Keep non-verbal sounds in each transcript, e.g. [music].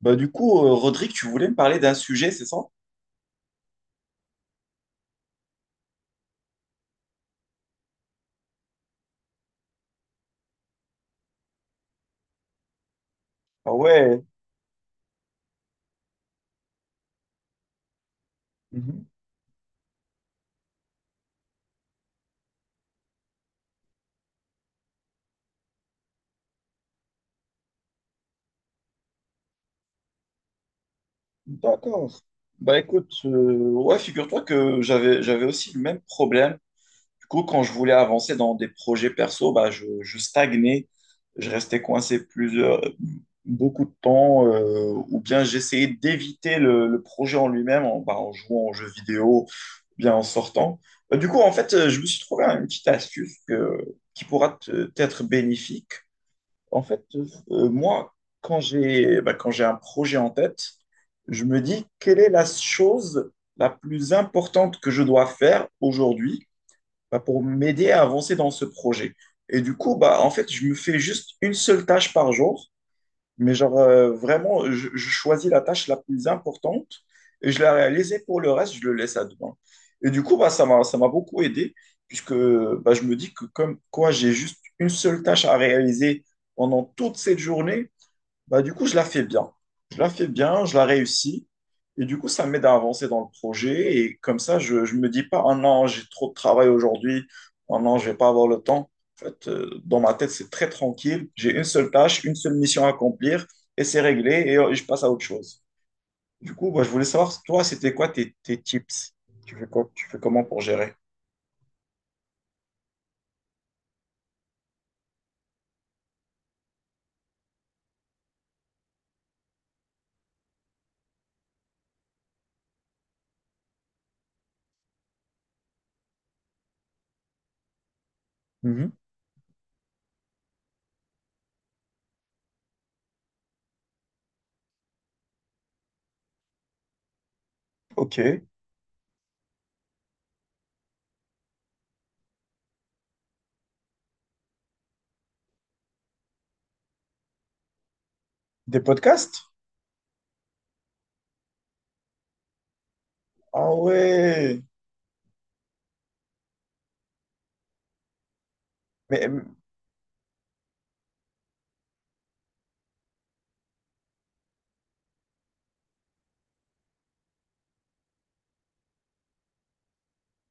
Bah, du coup, Rodrigue, tu voulais me parler d'un sujet, c'est ça? Ah ouais, mhm. D'accord. Bah écoute, ouais, figure-toi que j'avais aussi le même problème. Du coup, quand je voulais avancer dans des projets perso, bah je stagnais, je restais coincé plusieurs beaucoup de temps, ou bien j'essayais d'éviter le projet en lui-même en, bah, en jouant aux jeux vidéo, ou bien en sortant. Bah, du coup, en fait, je me suis trouvé une petite astuce que, qui pourra t'être bénéfique. En fait, moi, quand j'ai un projet en tête, je me dis quelle est la chose la plus importante que je dois faire aujourd'hui bah, pour m'aider à avancer dans ce projet. Et du coup, bah, en fait, je me fais juste une seule tâche par jour mais genre, vraiment, je choisis la tâche la plus importante et je la réalise et pour le reste, je le laisse à demain. Et du coup, bah, ça m'a beaucoup aidé puisque bah, je me dis que comme quoi j'ai juste une seule tâche à réaliser pendant toute cette journée, bah, du coup, je la fais bien. Je la fais bien, je la réussis. Et du coup, ça m'aide à avancer dans le projet. Et comme ça, je ne me dis pas, ah non, j'ai trop de travail aujourd'hui. Ah non, je vais pas avoir le temps. En fait, dans ma tête, c'est très tranquille. J'ai une seule tâche, une seule mission à accomplir et c'est réglé et je passe à autre chose. Du coup, bah, je voulais savoir, toi, c'était quoi tes tips? Tu fais quoi, tu fais comment pour gérer? Mhm. Ok. Des podcasts? Ah ouais. Mais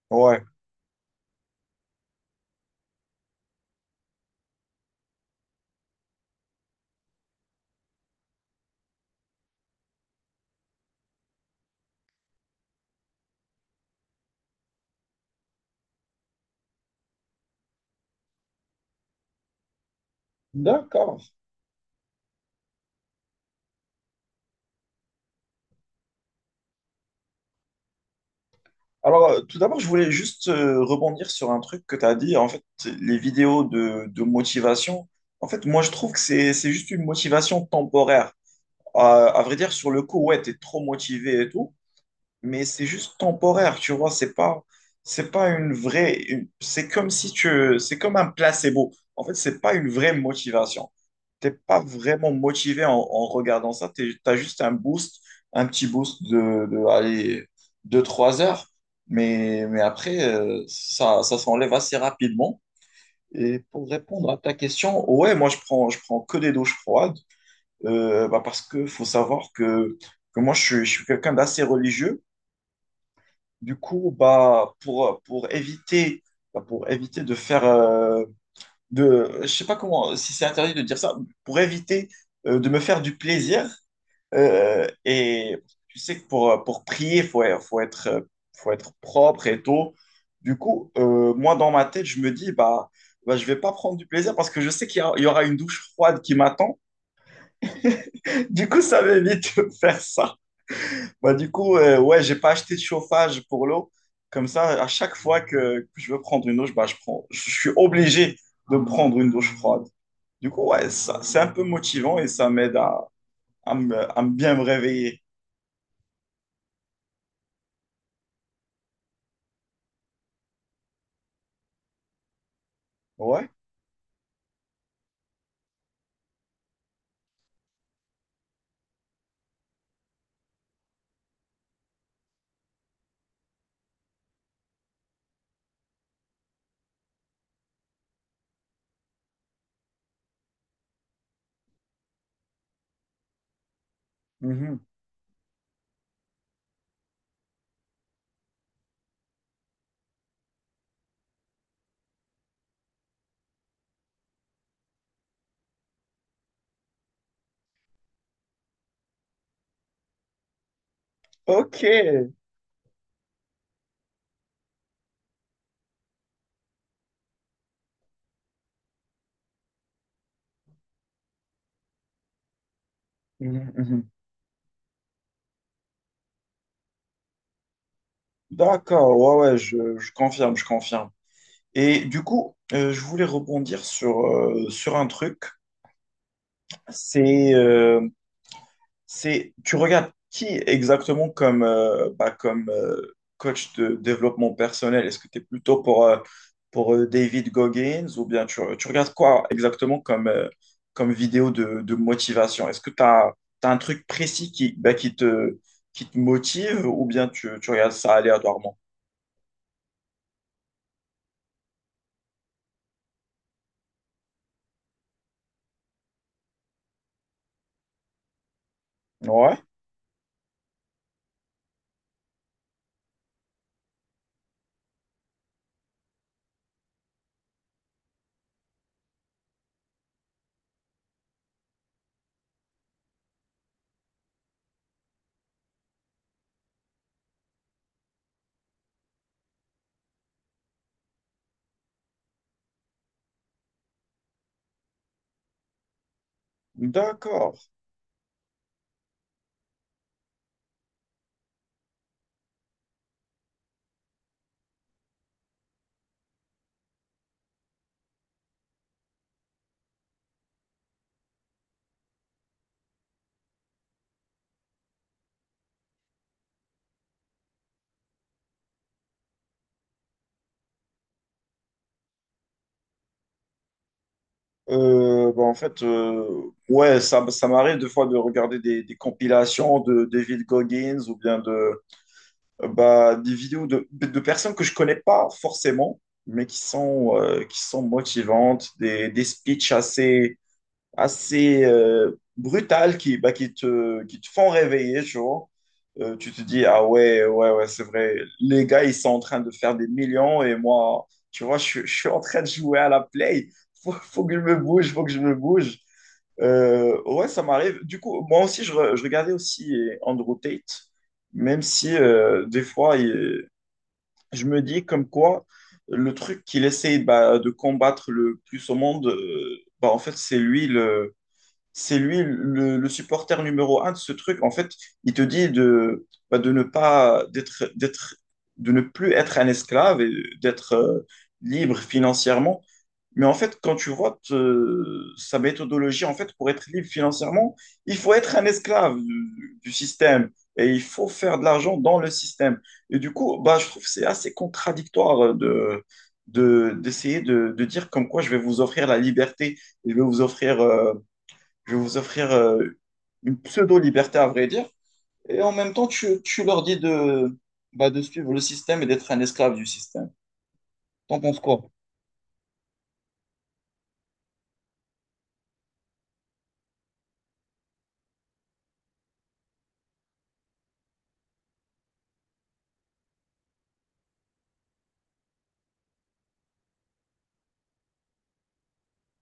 ouais. D'accord. Alors, tout d'abord, je voulais juste rebondir sur un truc que tu as dit. En fait, les vidéos de motivation, en fait, moi, je trouve que c'est juste une motivation temporaire. À vrai dire, sur le coup, ouais, tu es trop motivé et tout, mais c'est juste temporaire, tu vois, c'est pas une vraie, une- c'est comme si tu, c'est comme un placebo. En fait, c'est pas une vraie motivation t'es pas vraiment motivé en regardant ça. Tu as juste un boost, un petit boost de allez, 2-3 heures. Mais après, ça s'enlève assez rapidement. Et pour répondre à ta question, ouais, moi, je prends que des douches froides bah, parce que faut savoir que moi, je suis quelqu'un d'assez religieux. Du coup, bah, pour éviter, bah, pour éviter de faire, je sais pas comment, si c'est interdit de dire ça, pour éviter de me faire du plaisir. Et tu sais que pour prier, faut être propre et tout. Du coup, moi, dans ma tête, je me dis, bah, je vais pas prendre du plaisir parce que je sais qu'il y aura une douche froide qui m'attend. [laughs] Du coup, ça m'évite de faire ça. Bah, du coup, ouais, j'ai pas acheté de chauffage pour l'eau. Comme ça, à chaque fois que je veux prendre une douche, bah, je suis obligé de prendre une douche froide. Du coup, ouais, c'est un peu motivant et ça m'aide à me bien me réveiller. Ouais. Mhm. Ok. Mhm, mhm. D'accord. Ouais, ouais, je confirme, je confirme. Et du coup, je voulais rebondir sur un truc. C'est, euh, tu regardes qui exactement comme, bah, comme coach de développement personnel? Est-ce que tu es plutôt pour David Goggins ou bien tu regardes quoi exactement comme vidéo de motivation? Est-ce que tu as, un truc précis qui, bah, qui te motive ou bien tu regardes ça aléatoirement? Ouais. D'accord. Bah, en fait, ouais, ça m'arrive des fois de regarder des compilations de David Goggins ou bien de, bah, des vidéos de personnes que je connais pas forcément, mais qui sont motivantes, des speeches assez, assez brutales qui te font réveiller, tu vois. Tu te dis, ah ouais, ouais, ouais, c'est vrai. Les gars, ils sont en train de faire des millions et moi, tu vois, je suis en train de jouer à la play. Faut que je me bouge, faut que je me bouge. Ouais, ça m'arrive. Du coup, moi aussi, je regardais aussi Andrew Tate, même si des fois, je me dis comme quoi le truc qu'il essaye bah, de combattre le plus au monde, bah, en fait, c'est lui le supporter numéro un de ce truc. En fait, il te dit de, bah, de ne pas d'être, de ne plus être un esclave et d'être libre financièrement. Mais en fait, quand tu vois sa méthodologie, en fait, pour être libre financièrement, il faut être un esclave du système et il faut faire de l'argent dans le système. Et du coup, bah, je trouve que c'est assez contradictoire d'essayer de dire comme quoi je vais vous offrir la liberté, je vais vous offrir, euh, je vais vous offrir une pseudo-liberté, à vrai dire. Et en même temps, tu leur dis de, bah, de suivre le système et d'être un esclave du système. T'en penses quoi?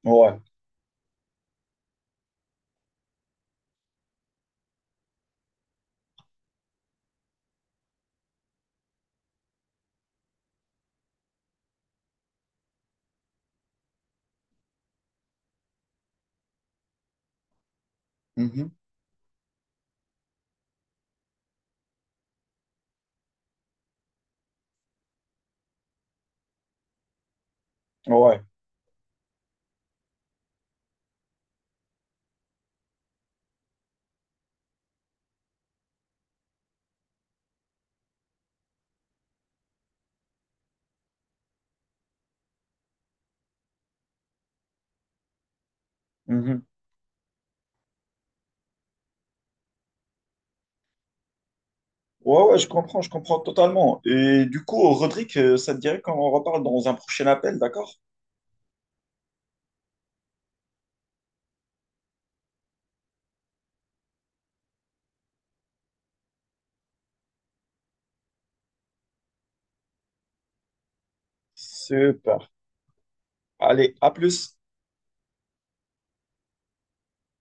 Ouais. Mhm. Ouais. Mhm. Ouais, ouais, je comprends totalement. Et du coup, Rodrigue, ça te dirait qu'on en reparle dans un prochain appel, d'accord? Super. Allez, à plus.